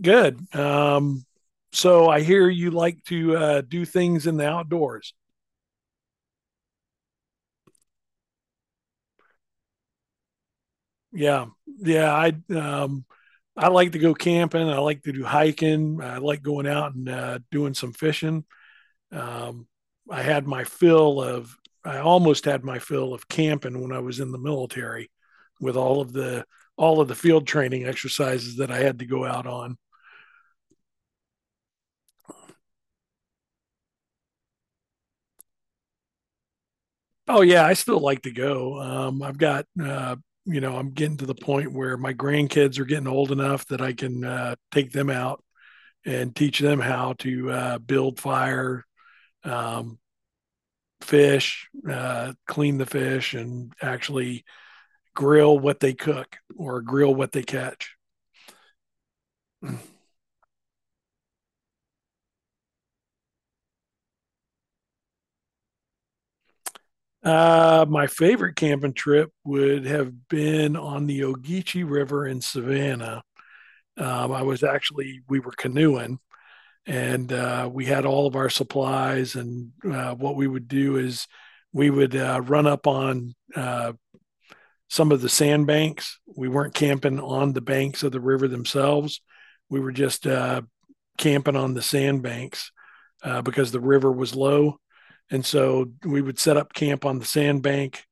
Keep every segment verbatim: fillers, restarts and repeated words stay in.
Good. Um, so I hear you like to uh, do things in the outdoors. Yeah, yeah. I um, I like to go camping. I like to do hiking. I like going out and uh, doing some fishing. Um, I had my fill of. I almost had my fill of camping when I was in the military, with all of the all of the field training exercises that I had to go out on. Oh yeah, I still like to go. Um, I've got uh, you know I'm getting to the point where my grandkids are getting old enough that I can uh, take them out and teach them how to uh, build fire, um, fish, uh, clean the fish, and actually grill what they cook or grill what they catch. Uh, my favorite camping trip would have been on the Ogeechee River in Savannah. Um, I was actually, we were canoeing and uh, we had all of our supplies. And uh, what we would do is we would uh, run up on uh, some of the sandbanks. We weren't camping on the banks of the river themselves. We were just uh, camping on the sandbanks uh, because the river was low. And so we would set up camp on the sandbank.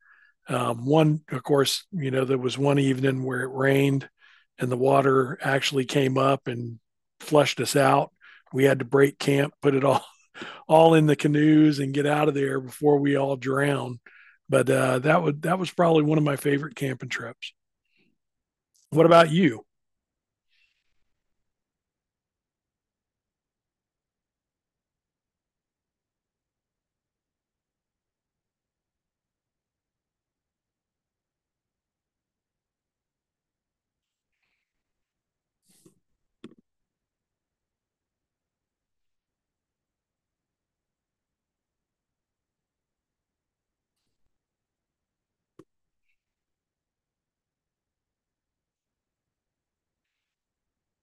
um, One, of course, you know, there was one evening where it rained and the water actually came up and flushed us out. We had to break camp, put it all, all in the canoes and get out of there before we all drown. But uh, that would that was probably one of my favorite camping trips. What about you?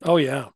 Oh yeah.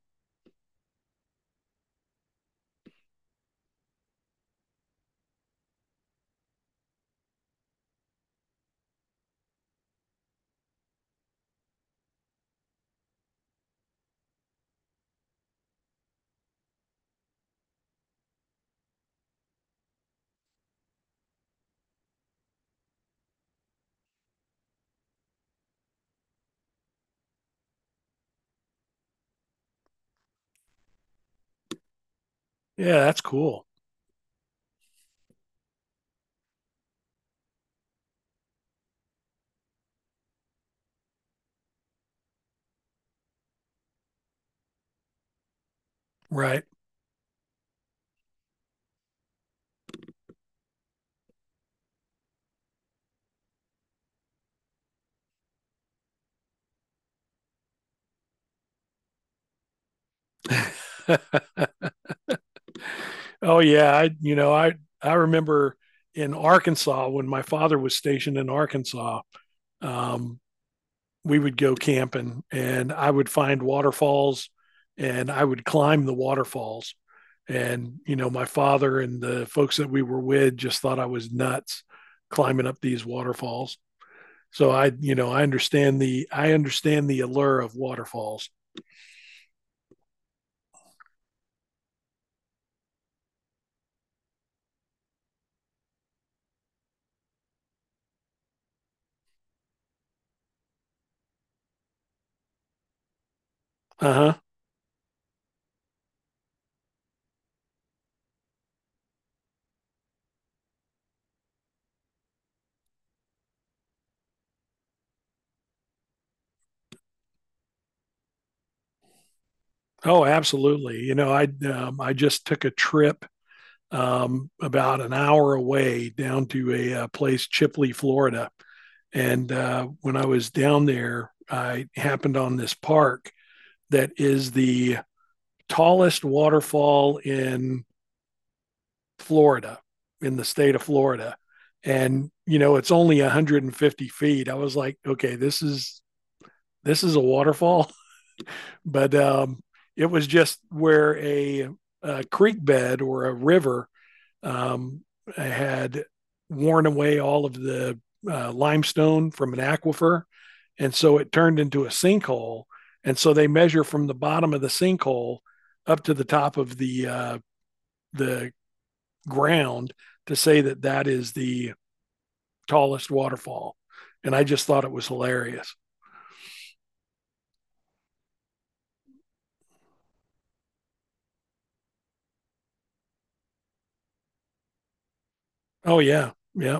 Yeah, that's cool. Right. Oh yeah, I you know, I I remember in Arkansas when my father was stationed in Arkansas. Um, we would go camping and I would find waterfalls and I would climb the waterfalls. And, you know, my father and the folks that we were with just thought I was nuts climbing up these waterfalls. So I, you know, I understand the, I understand the allure of waterfalls. Uh huh. Oh, absolutely. You know, I, um, I just took a trip um, about an hour away down to a, uh place, Chipley, Florida. And uh, when I was down there, I happened on this park that is the tallest waterfall in Florida, in the state of Florida. And, you know, it's only one hundred fifty feet. I was like, okay, this is, this is a waterfall, but um, it was just where a, a creek bed or a river Um, had worn away all of the uh, limestone from an aquifer. And so it turned into a sinkhole. And so they measure from the bottom of the sinkhole up to the top of the, uh, the ground to say that that is the tallest waterfall. And I just thought it was hilarious. Oh, yeah. Yeah.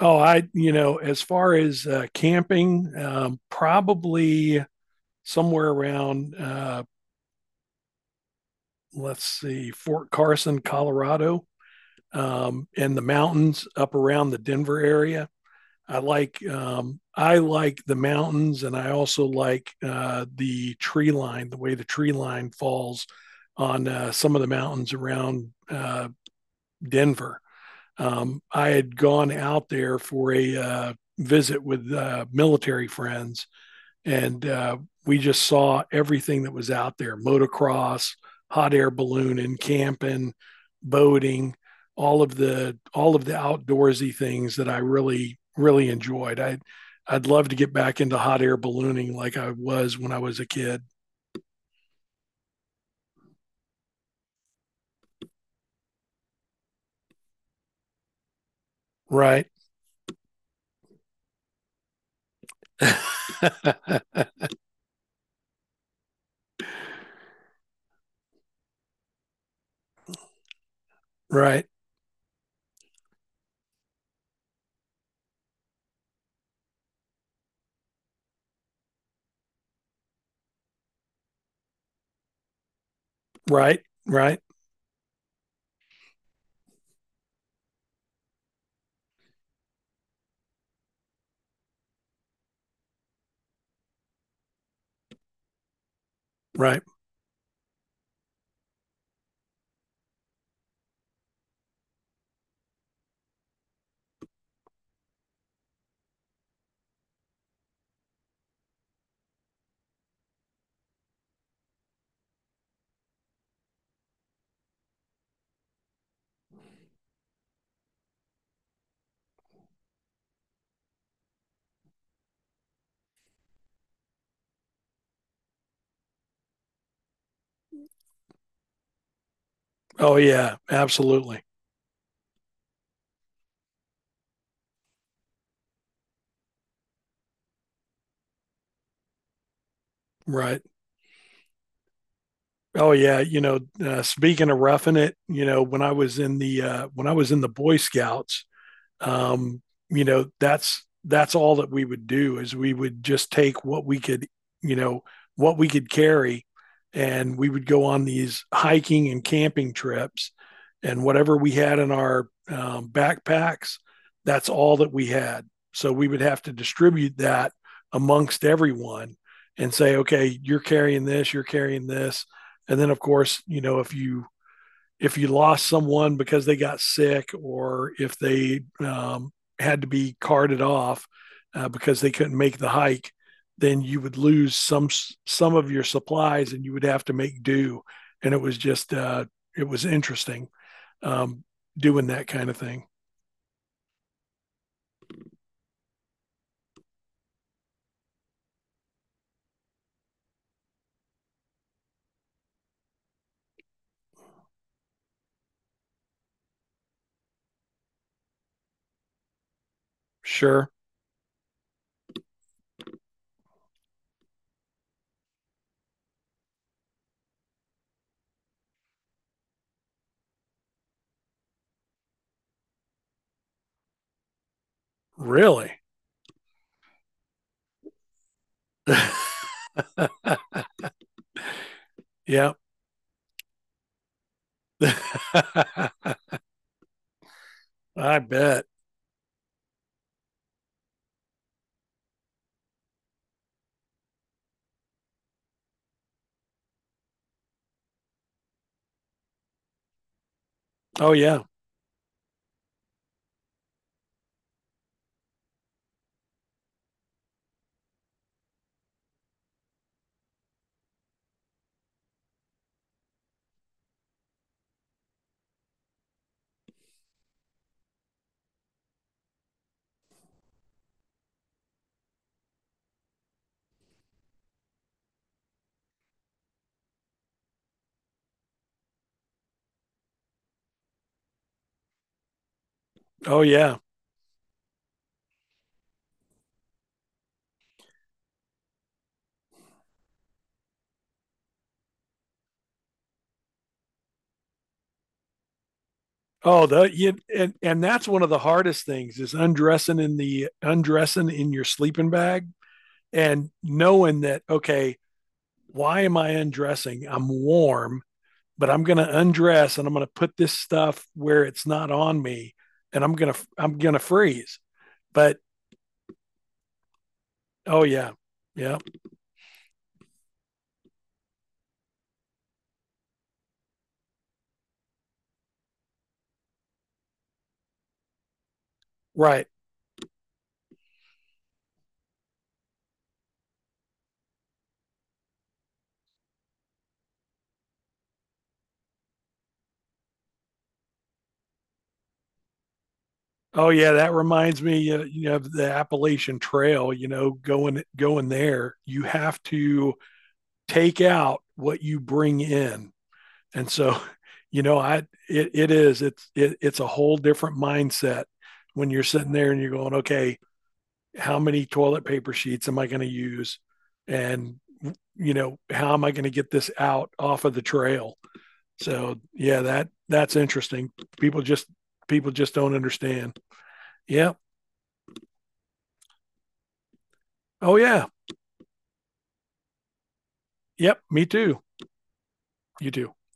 Oh, I, you know, as far as uh, camping, um, probably somewhere around uh, let's see, Fort Carson, Colorado, um, and the mountains up around the Denver area. I like um, I like the mountains, and I also like uh, the tree line, the way the tree line falls on uh, some of the mountains around uh, Denver. Um, I had gone out there for a uh, visit with uh, military friends, and uh, we just saw everything that was out there: motocross, hot air ballooning, camping, boating, all of the all of the outdoorsy things that I really really enjoyed. I I'd love to get back into hot air ballooning like I was when I was a kid. Right. Right. Right. Right. Right. Oh yeah, absolutely. Right. Oh yeah, you know, uh, speaking of roughing it, you know, when I was in the uh, when I was in the Boy Scouts, um, you know that's that's all that we would do is we would just take what we could, you know, what we could carry, and we would go on these hiking and camping trips, and whatever we had in our um, backpacks, that's all that we had. So we would have to distribute that amongst everyone and say okay, you're carrying this, you're carrying this. And then of course, you know, if you if you lost someone because they got sick or if they um, had to be carted off uh, because they couldn't make the hike, then you would lose some some of your supplies and you would have to make do. And it was just uh, it was interesting um, doing that kind of thing. Sure, really, yeah, I bet. Oh yeah, oh yeah. Oh, the you, and and that's one of the hardest things is undressing in the undressing in your sleeping bag and knowing that okay, why am I undressing? I'm warm, but I'm going to undress and I'm going to put this stuff where it's not on me and I'm going to I'm going to freeze. But oh yeah. Yeah. Right. Oh yeah, that reminds me uh, you know of the Appalachian Trail, you know, going going there, you have to take out what you bring in. And so, you know, I it, it is it's it, it's a whole different mindset when you're sitting there and you're going, okay, how many toilet paper sheets am I going to use, and you know, how am I going to get this out off of the trail? So yeah, that that's interesting. People just People just don't understand. Yeah. Oh yeah. Yep. Me too. You too.